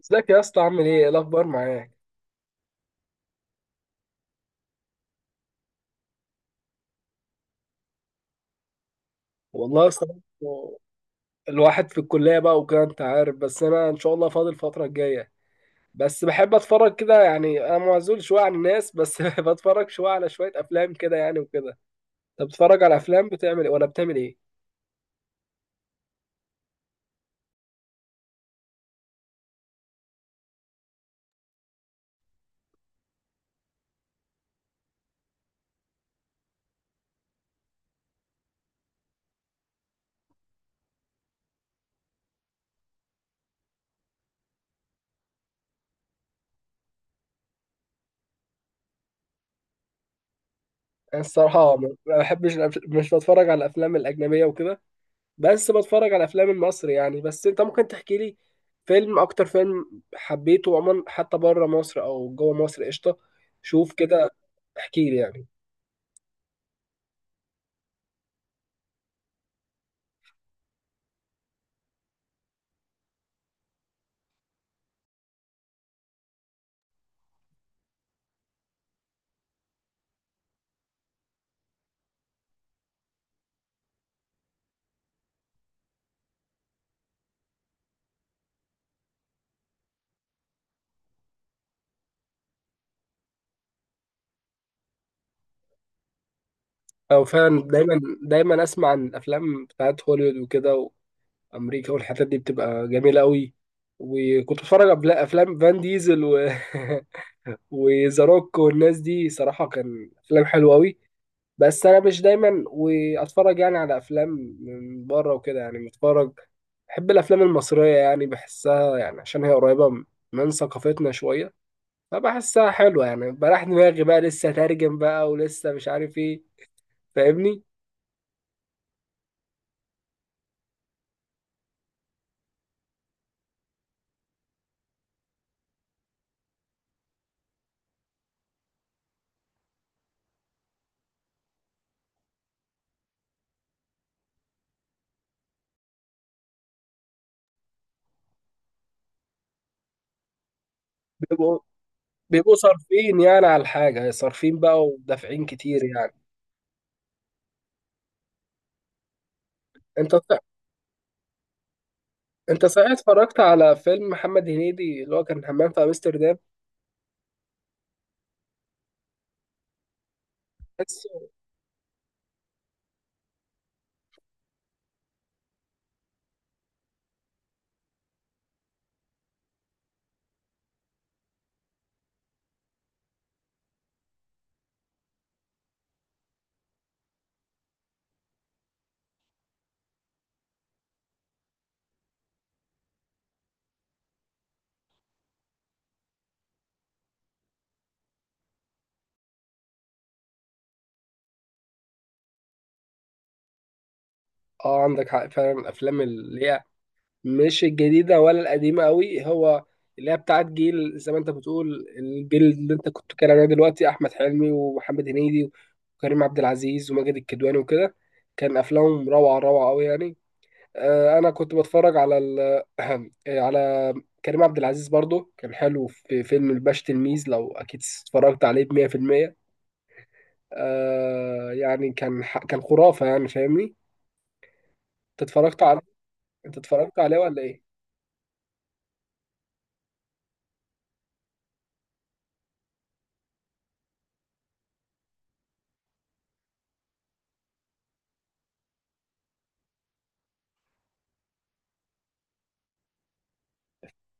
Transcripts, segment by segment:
ازيك يا اسطى؟ عامل ايه؟ ايه الاخبار معاك؟ والله يا اسطى، الواحد في الكليه بقى وكده، انت عارف. بس انا ان شاء الله فاضي الفتره الجايه. بس بحب اتفرج كده يعني، انا معزول شويه عن الناس بس بتفرج شويه على شويه افلام كده يعني وكده. انت بتتفرج على افلام؟ بتعمل ايه ولا بتعمل ايه؟ انا الصراحه ما بحبش مش بتفرج على الافلام الاجنبيه وكده. بس بتفرج على الافلام المصري يعني. بس انت ممكن تحكي لي فيلم، اكتر فيلم حبيته عموما، حتى بره مصر او جوه مصر؟ قشطه، شوف كده، احكي لي يعني. او فعلا دايما دايما اسمع عن الافلام بتاعت هوليوود وكده، وامريكا والحتت دي بتبقى جميله قوي. وكنت بتفرج على افلام فان ديزل و وذا روك والناس دي، صراحه كان افلام حلوه قوي. بس انا مش دايما واتفرج يعني على افلام من بره وكده، يعني متفرج. بحب الافلام المصريه يعني، بحسها يعني عشان هي قريبه من ثقافتنا شويه. فبحسها حلوه يعني، بريح دماغي بقى، لسه ترجم بقى ولسه مش عارف ايه. فاهمني؟ بيبقوا بيبقوا صارفين يعني على الحاجة، صارفين بقى ودافعين كتير يعني. انت صح- انت صحيح اتفرجت على فيلم محمد هنيدي اللي هو كان همام في امستردام؟ تحسه. اه، عندك حق فعلا. الافلام اللي هي مش الجديدة ولا القديمة قوي، هو اللي هي بتاعت جيل، زي ما انت بتقول الجيل اللي انت كنت بتتكلم عليه دلوقتي، احمد حلمي ومحمد هنيدي وكريم عبد العزيز وماجد الكدواني وكده، كان افلامهم روعة روعة قوي يعني. انا كنت بتفرج على على كريم عبد العزيز برضو، كان حلو في فيلم الباش تلميذ. لو اكيد اتفرجت عليه ب 100%. يعني كان كان خرافة يعني. فاهمني؟ انت اتفرجت عليه؟ انت اتفرجت عليه ولا ايه؟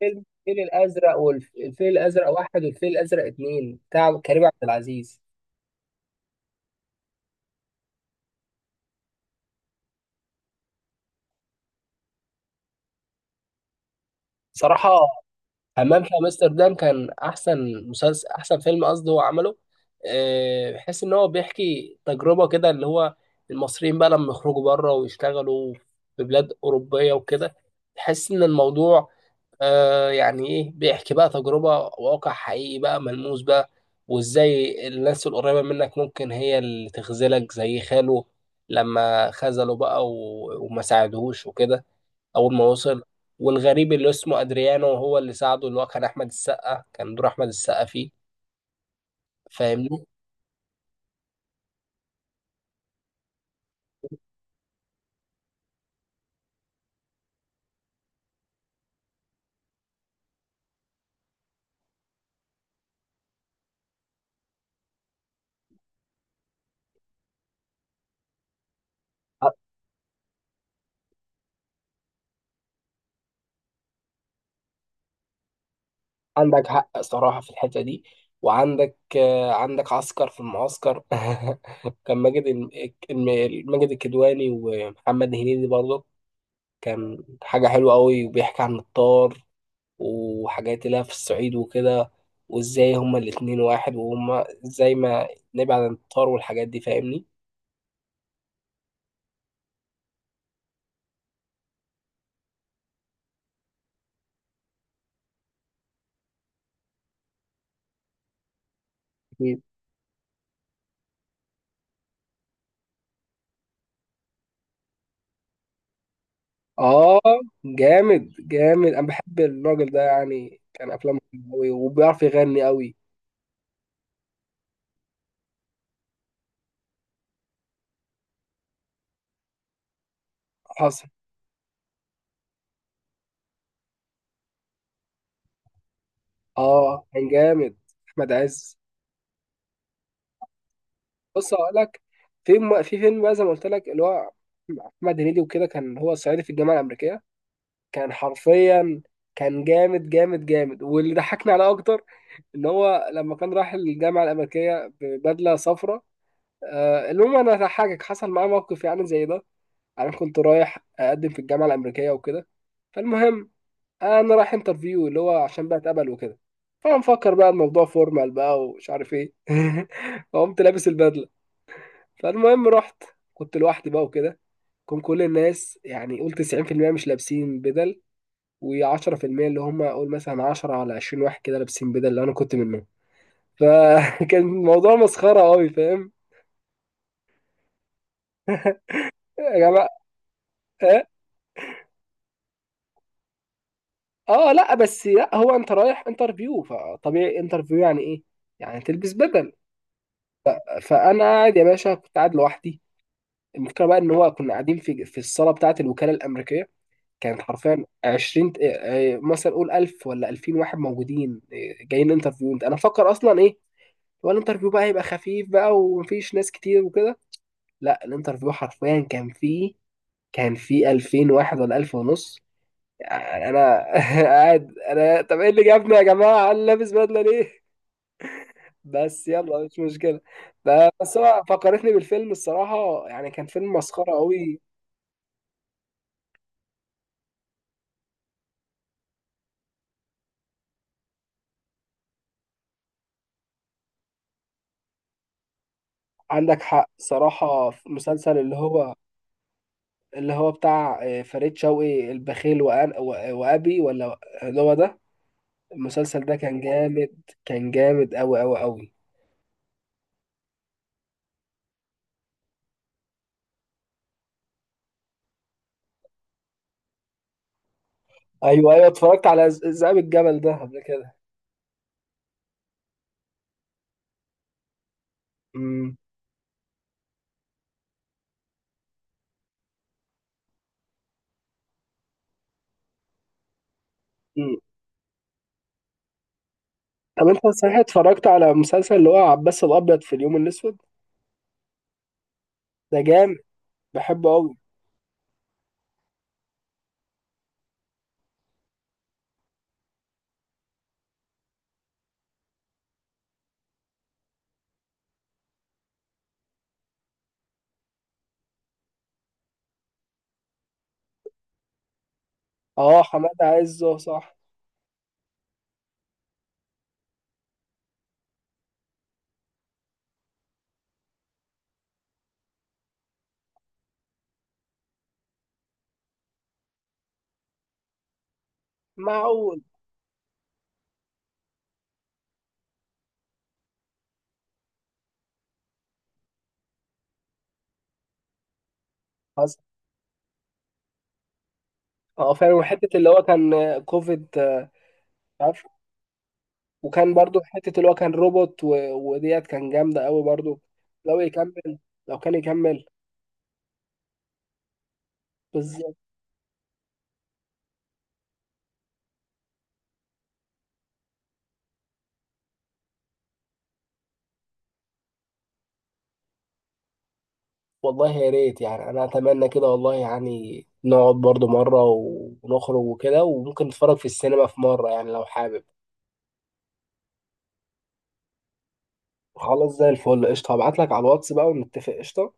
فيلم الفيل الازرق، والفيل الازرق واحد والفيل الازرق اتنين بتاع كريم عبد العزيز. صراحه، حمام في امستردام كان احسن مسلسل، احسن فيلم قصدي هو عمله. بحيث ان هو بيحكي تجربه كده اللي هو، المصريين بقى لما يخرجوا بره ويشتغلوا في بلاد اوروبيه وكده. تحس ان الموضوع يعني ايه، بيحكي بقى تجربه، واقع حقيقي بقى، ملموس بقى. وازاي الناس القريبه منك ممكن هي اللي تخذلك، زي خاله لما خذله بقى و- وما ساعدهوش وكده اول ما وصل. والغريب اللي اسمه ادريانو هو اللي ساعده، اللي هو كان احمد السقا، كان دور احمد السقا فيه. فاهمني؟ ع- عندك حق صراحة في الحتة دي. وعندك آه، عندك عسكر في المعسكر كان ماجد الكدواني ومحمد هنيدي برضه، كان حاجة حلوة قوي، وبيحكي عن الطار وحاجات اللي هي في الصعيد وكده. وازاي هما الاتنين واحد، وهما ازاي ما نبعد عن الطار والحاجات دي. فاهمني؟ اه، جامد جامد، انا بحب الراجل ده يعني، كان افلامه حلوة قوي وبيعرف يغني قوي. حصل. اه كان جامد، احمد عز. بص اقول لك، في فيلم بقى زي ما قلت لك اللي هو، احمد هنيدي وكده كان هو صعيدي في الجامعه الامريكيه، كان حرفيا كان جامد جامد جامد. واللي ضحكني عليه اكتر، ان هو لما كان راح الجامعه الامريكيه ببدله صفراء. المهم انا هضحكك، حصل معاه موقف يعني زي ده. انا كنت رايح اقدم في الجامعه الامريكيه وكده. فالمهم انا رايح انترفيو اللي هو عشان بقى اتقبل وكده. فمفكر بقى الموضوع فورمال بقى ومش عارف ايه. فقمت لابس البدله. فالمهم رحت، كنت لوحدي بقى وكده. كان كل الناس يعني قول 90% مش لابسين بدل، و10% اللي هم قول مثلا 10 على 20 واحد كده لابسين بدل، اللي انا كنت منهم. فكان الموضوع مسخره قوي. فاهم؟ يا جماعه! اه لا، بس لا هو انت رايح انترفيو، فطبيعي انترفيو يعني ايه؟ يعني تلبس بدل. فانا قاعد يا باشا، كنت قاعد لوحدي. المشكله بقى ان هو كنا قاعدين في الصاله بتاعه الوكاله الامريكيه. كانت حرفيا 20 مثلا قول 1000 ولا 2000 واحد موجودين، جايين انترفيو. انا فكر اصلا ايه، هو الانترفيو بقى هيبقى خفيف بقى ومفيش ناس كتير وكده. لا، الانترفيو حرفيا كان فيه 2000 واحد ولا 1000 ونص. انا قاعد، انا طب ايه اللي جابنا يا جماعه؟ انا لابس بدله ليه؟ بس يلا، مش مشكله. بس هو فكرتني بالفيلم الصراحه يعني، كان فيلم مسخره قوي. عندك حق صراحه في مسلسل اللي هو بتاع فريد شوقي، البخيل وأنا و- وابي ولا اللي هو ده. المسلسل ده كان جامد، كان جامد قوي قوي قوي. ايوه، ايوه، اتفرجت على ذئاب الجبل ده قبل كده. امم. طب انت صحيح اتفرجت على مسلسل اللي هو عباس الابيض في اليوم الاسود؟ ده جامد، بحبه قوي. اه، حماد عز صح. معقول. حصل. اه فعلا، وحته اللي هو كان كوفيد، عارف. وكان برضو حته اللي هو كان روبوت وديت، كان جامده قوي برضو. لو يكمل لو كان يكمل. بالظبط. والله يا ريت يعني، انا اتمنى كده والله، يعني نقعد برضو مره ونخرج وكده، وممكن نتفرج في السينما في مره يعني لو حابب. خلاص زي الفل قشطه، هبعت لك على الواتس بقى ونتفق. قشطه.